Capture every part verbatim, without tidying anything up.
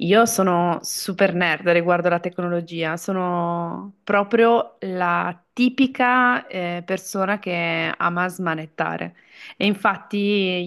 Io sono super nerd riguardo alla tecnologia, sono proprio la tipica eh, persona che ama smanettare. E infatti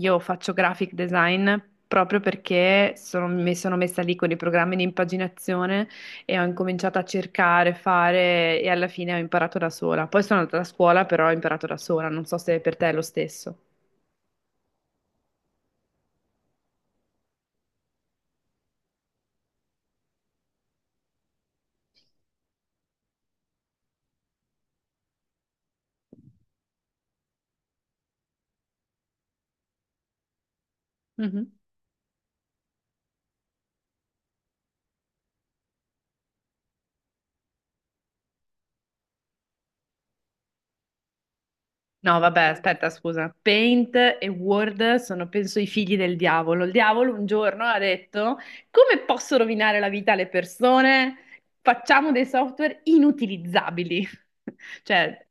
io faccio graphic design proprio perché sono- mi sono messa lì con i programmi di impaginazione e ho incominciato a cercare, fare e alla fine ho imparato da sola. Poi sono andata a scuola, però ho imparato da sola, non so se per te è lo stesso. No, vabbè, aspetta, scusa. Paint e Word sono, penso, i figli del diavolo. Il diavolo un giorno ha detto: Come posso rovinare la vita alle persone? Facciamo dei software inutilizzabili. Cioè,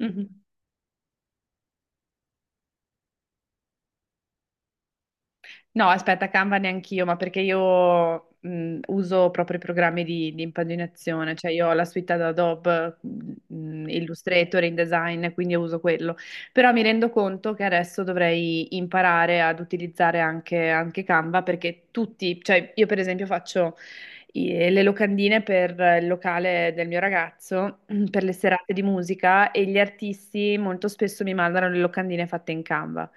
mhm. No, aspetta, Canva neanch'io, ma perché io mh, uso proprio i programmi di, di impaginazione, cioè io ho la suite ad Adobe, mh, Illustrator, InDesign, quindi io uso quello. Però mi rendo conto che adesso dovrei imparare ad utilizzare anche, anche Canva perché tutti, cioè io per esempio faccio i- le locandine per il locale del mio ragazzo, per le serate di musica e gli artisti molto spesso mi mandano le locandine fatte in Canva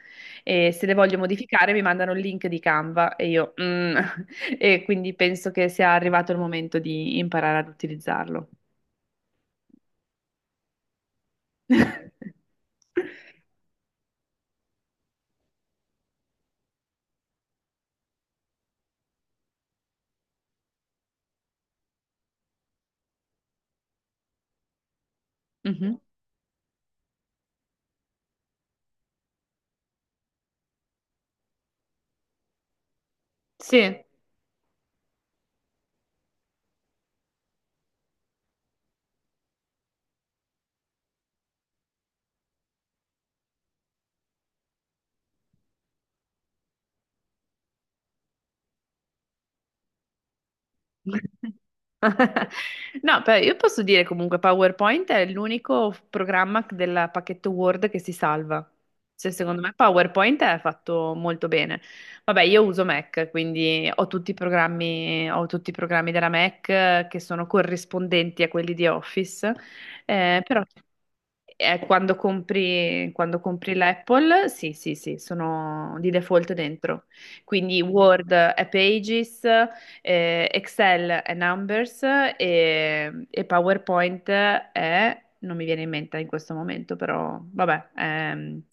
e se le voglio modificare mi mandano il link di Canva e io mm, E quindi penso che sia arrivato il momento di imparare ad utilizzarlo. Mhm. Sì. No, però io posso dire comunque PowerPoint è l'unico programma del pacchetto Word che si salva. Cioè, secondo me PowerPoint è fatto molto bene. Vabbè, io uso Mac, quindi ho tutti i programmi, ho tutti i programmi della Mac eh, che sono corrispondenti a quelli di Office, eh, però eh, quando compri, quando compri l'Apple, sì, sì, sì, sono di default dentro. Quindi Word è Pages, eh, Excel è Numbers e, e PowerPoint è, non mi viene in mente in questo momento, però vabbè. ehm,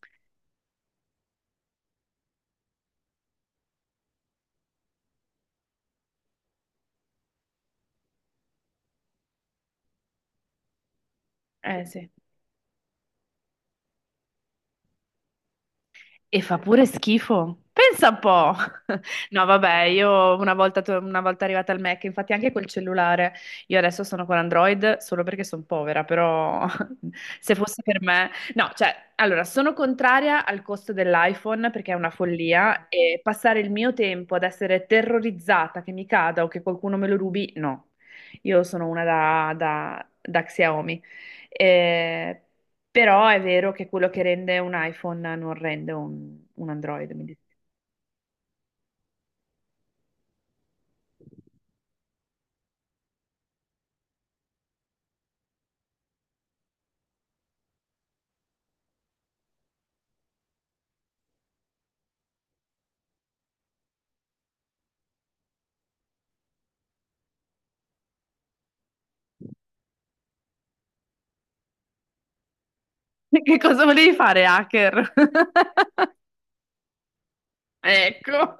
Eh, sì. E fa pure schifo. Pensa un po'. No, vabbè, io una volta, to- una volta arrivata al Mac, infatti anche col cellulare, io adesso sono con Android solo perché sono povera, però se fosse per me... No, cioè, allora, sono contraria al costo dell'iPhone perché è una follia e passare il mio tempo ad essere terrorizzata che mi cada o che qualcuno me lo rubi, no. Io sono una da, da, da Xiaomi. Eh, Però è vero che quello che rende un iPhone non rende un un Android, mi Che cosa volevi fare, hacker? Ecco.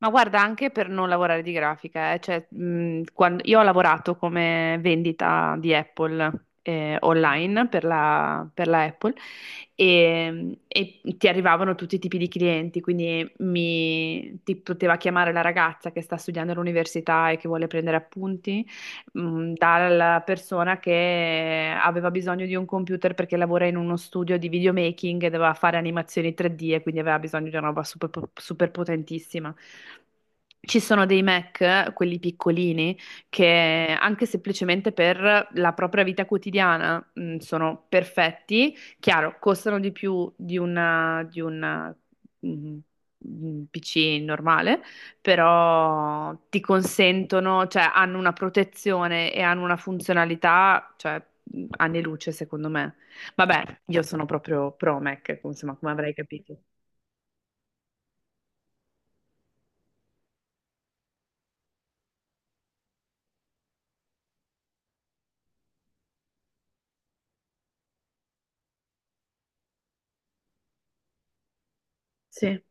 Ma guarda, anche per non lavorare di grafica, eh, cioè, mh, quando- io ho lavorato come vendita di Apple eh, online per la, per la Apple e, e ti arrivavano tutti i tipi di clienti, quindi mi, ti poteva chiamare la ragazza che sta studiando all'università e che vuole prendere appunti mh, dalla persona che aveva bisogno di un computer perché lavora in uno studio di videomaking e doveva fare animazioni tre D e quindi aveva bisogno di una roba super, super potentissima. Ci sono dei Mac, quelli piccolini, che anche semplicemente per la propria vita quotidiana, mh, sono perfetti. Chiaro, costano di più di una, di una, mh, un P C normale, però ti consentono, cioè hanno una protezione e hanno una funzionalità, cioè anni luce secondo me. Vabbè, io sono proprio pro Mac, insomma, come avrai capito. Sì.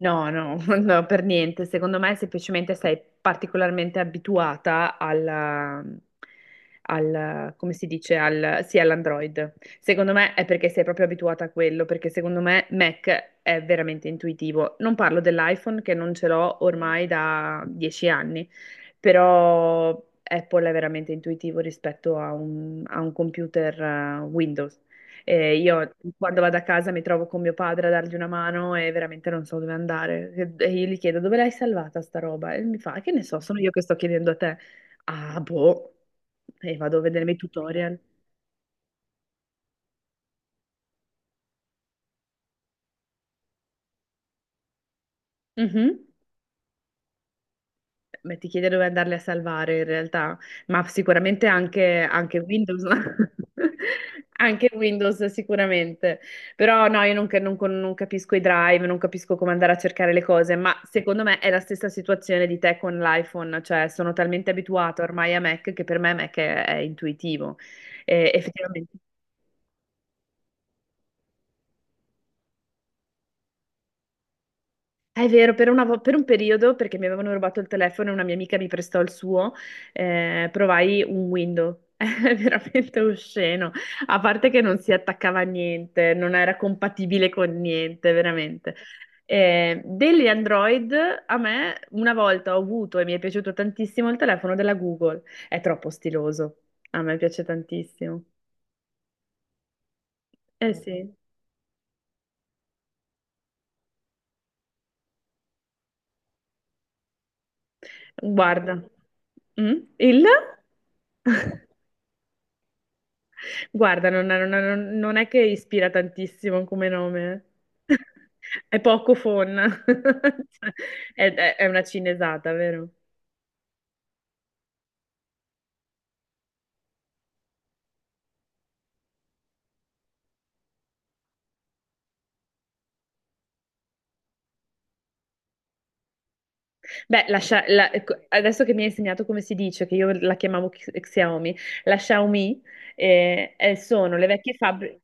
No, no, no, per niente. Secondo me semplicemente sei particolarmente abituata al, al- come si dice, al, sì, all'Android. Secondo me è perché sei proprio abituata a quello, perché secondo me Mac è veramente intuitivo. Non parlo dell'iPhone che non ce l'ho ormai da dieci anni, però Apple è veramente intuitivo rispetto a un, a un computer eh, Windows. Eh, io quando vado a casa mi trovo con mio padre a dargli una mano e veramente non so dove andare. E io gli chiedo dove l'hai salvata sta roba? E mi fa, che ne so, sono io che sto chiedendo a te. Ah, boh. E vado a vedere i tutorial. Mhm. Beh, ti chiede dove andarle a salvare in realtà, ma sicuramente anche, anche Windows, anche Windows sicuramente, però no, io non, ca- non con- non capisco i drive, non capisco come andare a cercare le cose, ma secondo me è la stessa situazione di te con l'iPhone, cioè sono talmente abituato ormai a Mac che per me Mac è, è intuitivo, E effettivamente È vero, per una vo- per un periodo, perché mi avevano rubato il telefono e una mia amica mi prestò il suo, eh, provai un window. È veramente osceno. A parte che non si attaccava a niente, non era compatibile con niente, veramente. Eh, degli Android, a me una volta ho avuto e mi è piaciuto tantissimo il telefono della Google. È troppo stiloso. A me piace tantissimo. Eh sì, guarda. Mm? Il? Guarda, non, non- non- è- non è che ispira tantissimo come nome. È poco fonna. Cioè, È, è- è una cinesata, vero? Beh, la Xia- la- ecco, adesso che mi hai insegnato come si dice, che io la chiamavo X- Xiaomi, la Xiaomi eh, eh, sono le vecchie fabbriche.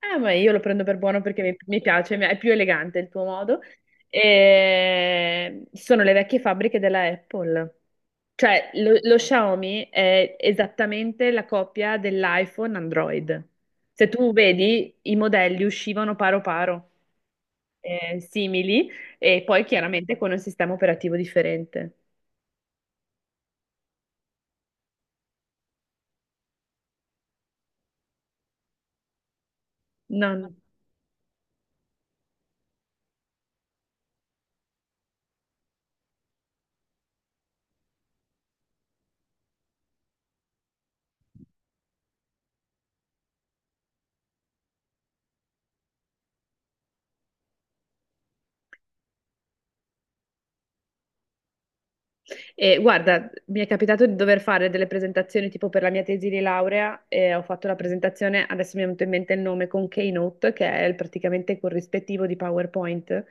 Ah, ma io lo prendo per buono perché mi, mi piace, mi- è più elegante il tuo modo. E sono le vecchie fabbriche della Apple. Cioè, lo, lo Xiaomi è esattamente la copia dell'iPhone Android. Se tu vedi, i modelli uscivano paro paro, eh, simili, e poi chiaramente con un sistema operativo differente. No. no. E guarda, mi è capitato di dover fare delle presentazioni tipo per la mia tesi di laurea e ho fatto la presentazione, adesso mi è venuto in mente il nome, con Keynote, che è il- praticamente il corrispettivo di PowerPoint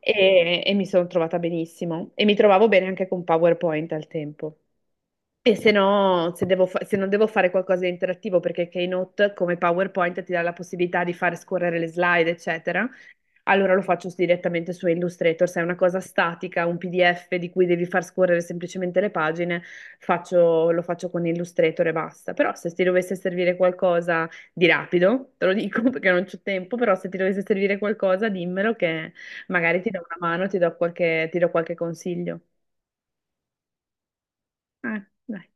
e, e mi sono trovata benissimo e mi trovavo bene anche con PowerPoint al tempo. E se no, se devo fa- se non devo fare qualcosa di interattivo, perché Keynote come PowerPoint ti dà la possibilità di fare scorrere le slide, eccetera, allora lo faccio direttamente su Illustrator, se è una cosa statica, un P D F di cui devi far scorrere semplicemente le pagine, faccio- lo faccio con Illustrator e basta. Però se ti dovesse servire qualcosa di rapido, te lo dico perché non c'ho tempo, però se ti dovesse servire qualcosa dimmelo che magari ti do una mano, ti do qualche, ti do qualche consiglio. Eh, dai.